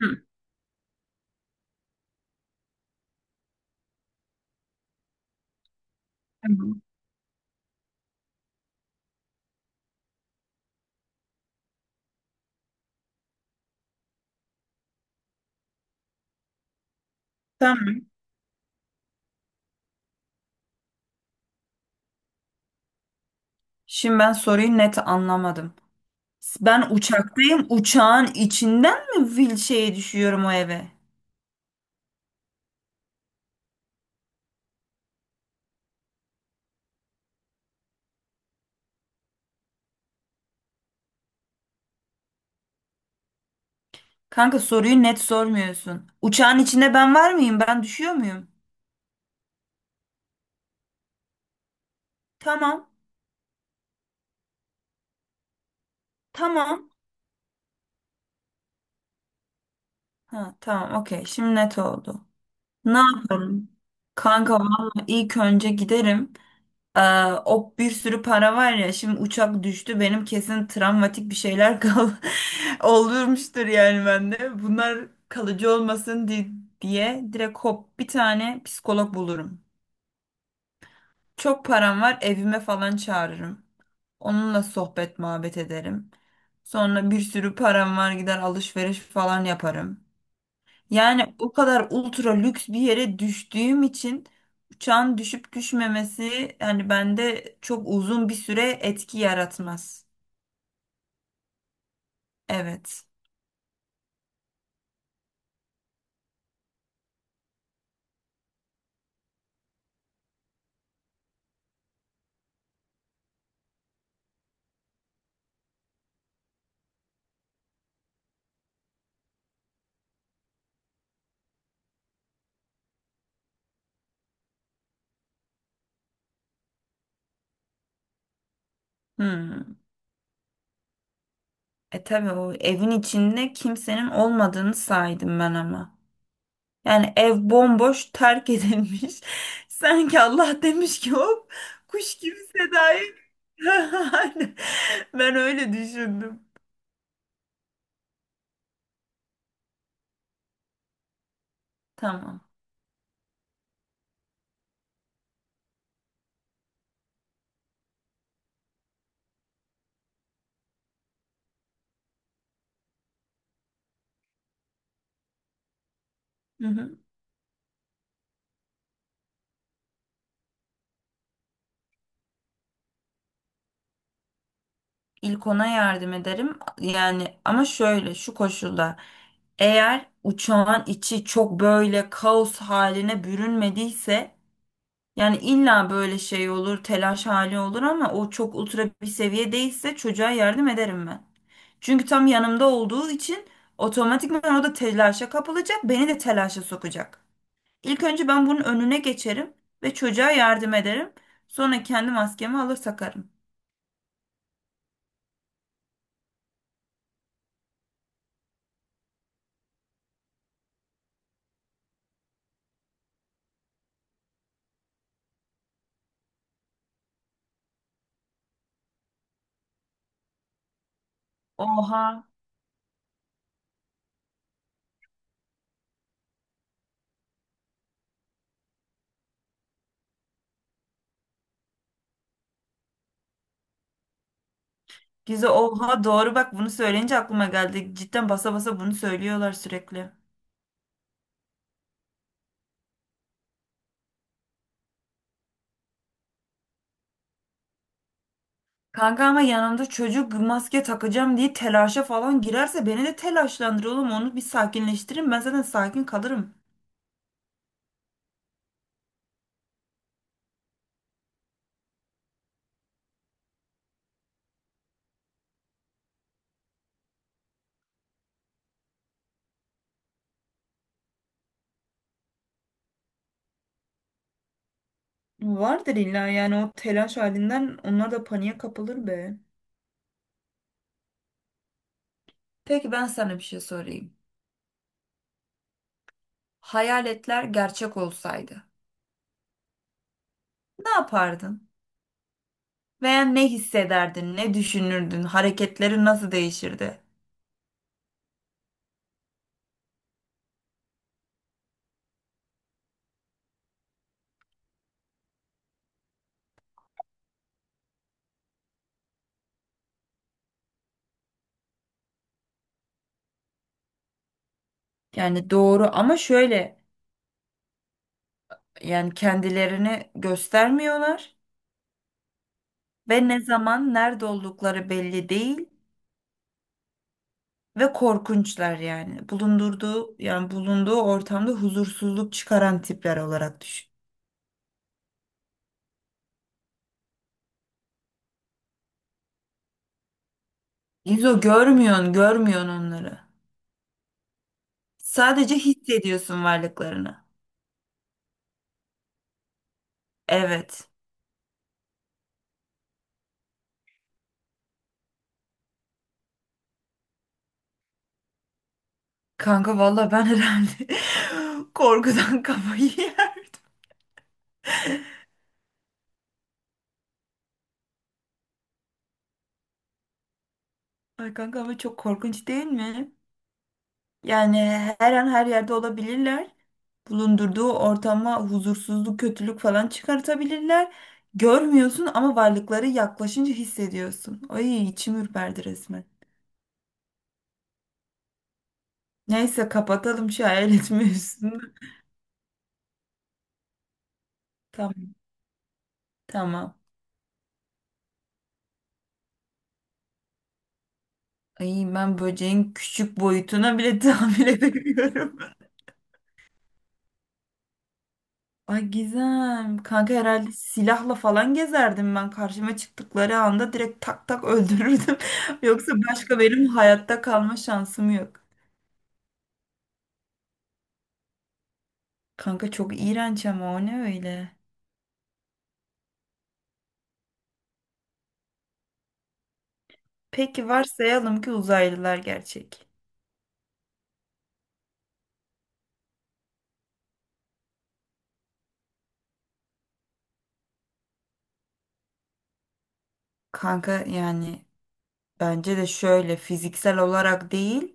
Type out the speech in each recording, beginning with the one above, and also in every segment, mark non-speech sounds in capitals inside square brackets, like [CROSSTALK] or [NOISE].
Hı, tamam. Tamam. Şimdi ben soruyu net anlamadım. Ben uçaktayım. Uçağın içinden mi fil şeye düşüyorum o eve? Kanka soruyu net sormuyorsun. Uçağın içinde ben var mıyım? Ben düşüyor muyum? Tamam. Tamam. Ha, tamam. Okey. Şimdi net oldu. Ne yaparım? Kanka vallahi ilk önce giderim. Aa, o bir sürü para var ya, şimdi uçak düştü, benim kesin travmatik bir şeyler [LAUGHS] olurmuştur yani bende. Bunlar kalıcı olmasın diye direkt hop bir tane psikolog bulurum. Çok param var, evime falan çağırırım. Onunla sohbet muhabbet ederim. Sonra bir sürü param var, gider alışveriş falan yaparım. Yani o kadar ultra lüks bir yere düştüğüm için uçağın düşüp düşmemesi yani bende çok uzun bir süre etki yaratmaz. Evet. Hmm. E tabii o evin içinde kimsenin olmadığını saydım ben ama. Yani ev bomboş, terk edilmiş. [LAUGHS] Sanki Allah demiş ki hop kuş gibi Seda'yı. [LAUGHS] Ben öyle düşündüm. Tamam. Hı hı. İlk ona yardım ederim. Yani ama şöyle, şu koşulda, eğer uçağın içi çok böyle kaos haline bürünmediyse, yani illa böyle şey olur, telaş hali olur ama o çok ultra bir seviye değilse çocuğa yardım ederim ben. Çünkü tam yanımda olduğu için otomatikman o da telaşa kapılacak, beni de telaşa sokacak. İlk önce ben bunun önüne geçerim ve çocuğa yardım ederim. Sonra kendi maskemi alır takarım. Oha. Gizli oha, doğru, bak bunu söyleyince aklıma geldi. Cidden basa basa bunu söylüyorlar sürekli. Kanka ama yanımda çocuk maske takacağım diye telaşa falan girerse beni de telaşlandır oğlum. Onu bir sakinleştirin. Ben zaten sakin kalırım. Vardır illa, yani o telaş halinden onlar da paniğe kapılır be. Peki ben sana bir şey sorayım. Hayaletler gerçek olsaydı ne yapardın? Veya ne hissederdin, ne düşünürdün, hareketlerin nasıl değişirdi? Yani doğru ama şöyle, yani kendilerini göstermiyorlar ve ne zaman nerede oldukları belli değil ve korkunçlar yani. Bulundurduğu yani bulunduğu ortamda huzursuzluk çıkaran tipler olarak düşün. İzo, görmüyorsun, görmüyorsun onları. Sadece hissediyorsun varlıklarını. Evet. Kanka valla ben herhalde [LAUGHS] korkudan kafayı yerdim. Ay kanka ama çok korkunç değil mi? Yani her an her yerde olabilirler. Bulundurduğu ortama huzursuzluk, kötülük falan çıkartabilirler. Görmüyorsun ama varlıkları yaklaşınca hissediyorsun. Ay içim ürperdi resmen. Neyse, kapatalım şu hayalet mevzusunu. Tamam. Tamam. Ay, ben böceğin küçük boyutuna bile tahammül edemiyorum. [LAUGHS] Ay Gizem. Kanka herhalde silahla falan gezerdim ben. Karşıma çıktıkları anda direkt tak tak öldürürdüm. [LAUGHS] Yoksa başka benim hayatta kalma şansım yok. Kanka çok iğrenç, ama o ne öyle? Peki varsayalım ki uzaylılar gerçek. Kanka yani bence de şöyle, fiziksel olarak değil.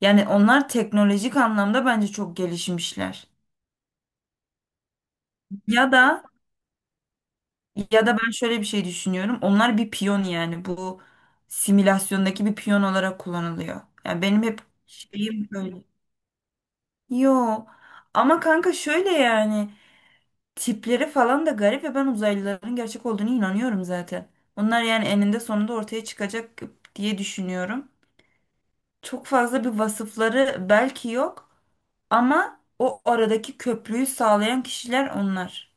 Yani onlar teknolojik anlamda bence çok gelişmişler. Ya da ya da ben şöyle bir şey düşünüyorum. Onlar bir piyon, yani bu simülasyondaki bir piyon olarak kullanılıyor. Yani benim hep şeyim böyle. Yo, ama kanka şöyle yani. Tipleri falan da garip ve ben uzaylıların gerçek olduğunu inanıyorum zaten. Onlar yani eninde sonunda ortaya çıkacak diye düşünüyorum. Çok fazla bir vasıfları belki yok ama o aradaki köprüyü sağlayan kişiler onlar.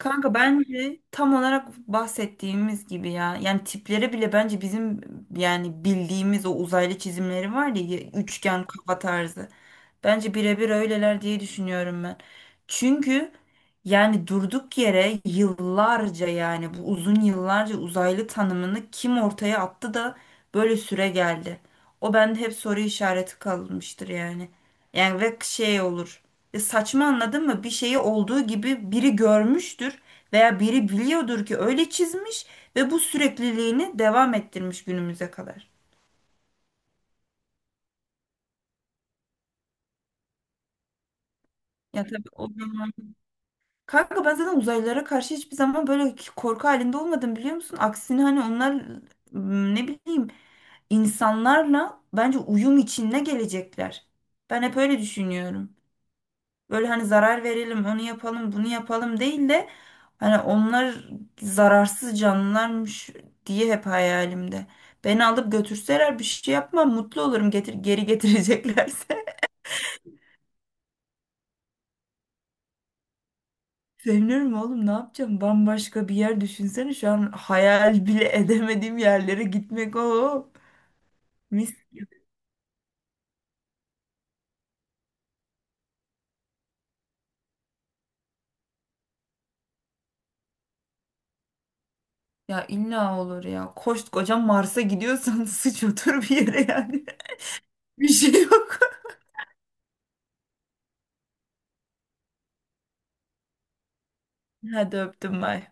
Kanka bence tam olarak bahsettiğimiz gibi ya. Yani tipleri bile bence bizim, yani bildiğimiz o uzaylı çizimleri var ya, üçgen kafa tarzı. Bence birebir öyleler diye düşünüyorum ben. Çünkü yani durduk yere yıllarca, yani bu uzun yıllarca uzaylı tanımını kim ortaya attı da böyle süre geldi. O bende hep soru işareti kalmıştır yani. Yani ve şey olur. E saçma, anladın mı? Bir şeyi olduğu gibi biri görmüştür veya biri biliyordur ki öyle çizmiş ve bu sürekliliğini devam ettirmiş günümüze kadar. Ya tabii o zaman. Kanka ben zaten uzaylılara karşı hiçbir zaman böyle korku halinde olmadım, biliyor musun? Aksine hani onlar, ne bileyim, insanlarla bence uyum içinde gelecekler. Ben hep öyle düşünüyorum. Böyle hani zarar verelim, onu yapalım, bunu yapalım değil de hani onlar zararsız canlılarmış diye hep hayalimde. Beni alıp götürseler bir şey yapmam, mutlu olurum, getir, geri [LAUGHS] getireceklerse. Sevinirim oğlum, ne yapacağım? Bambaşka bir yer, düşünsene şu an hayal bile [LAUGHS] edemediğim yerlere gitmek o. Mis. Ya illa olur ya. Koskoca Mars'a gidiyorsan [LAUGHS] sıç otur bir yere yani. [LAUGHS] Bir şey yok. [LAUGHS] Hadi öptüm, bay.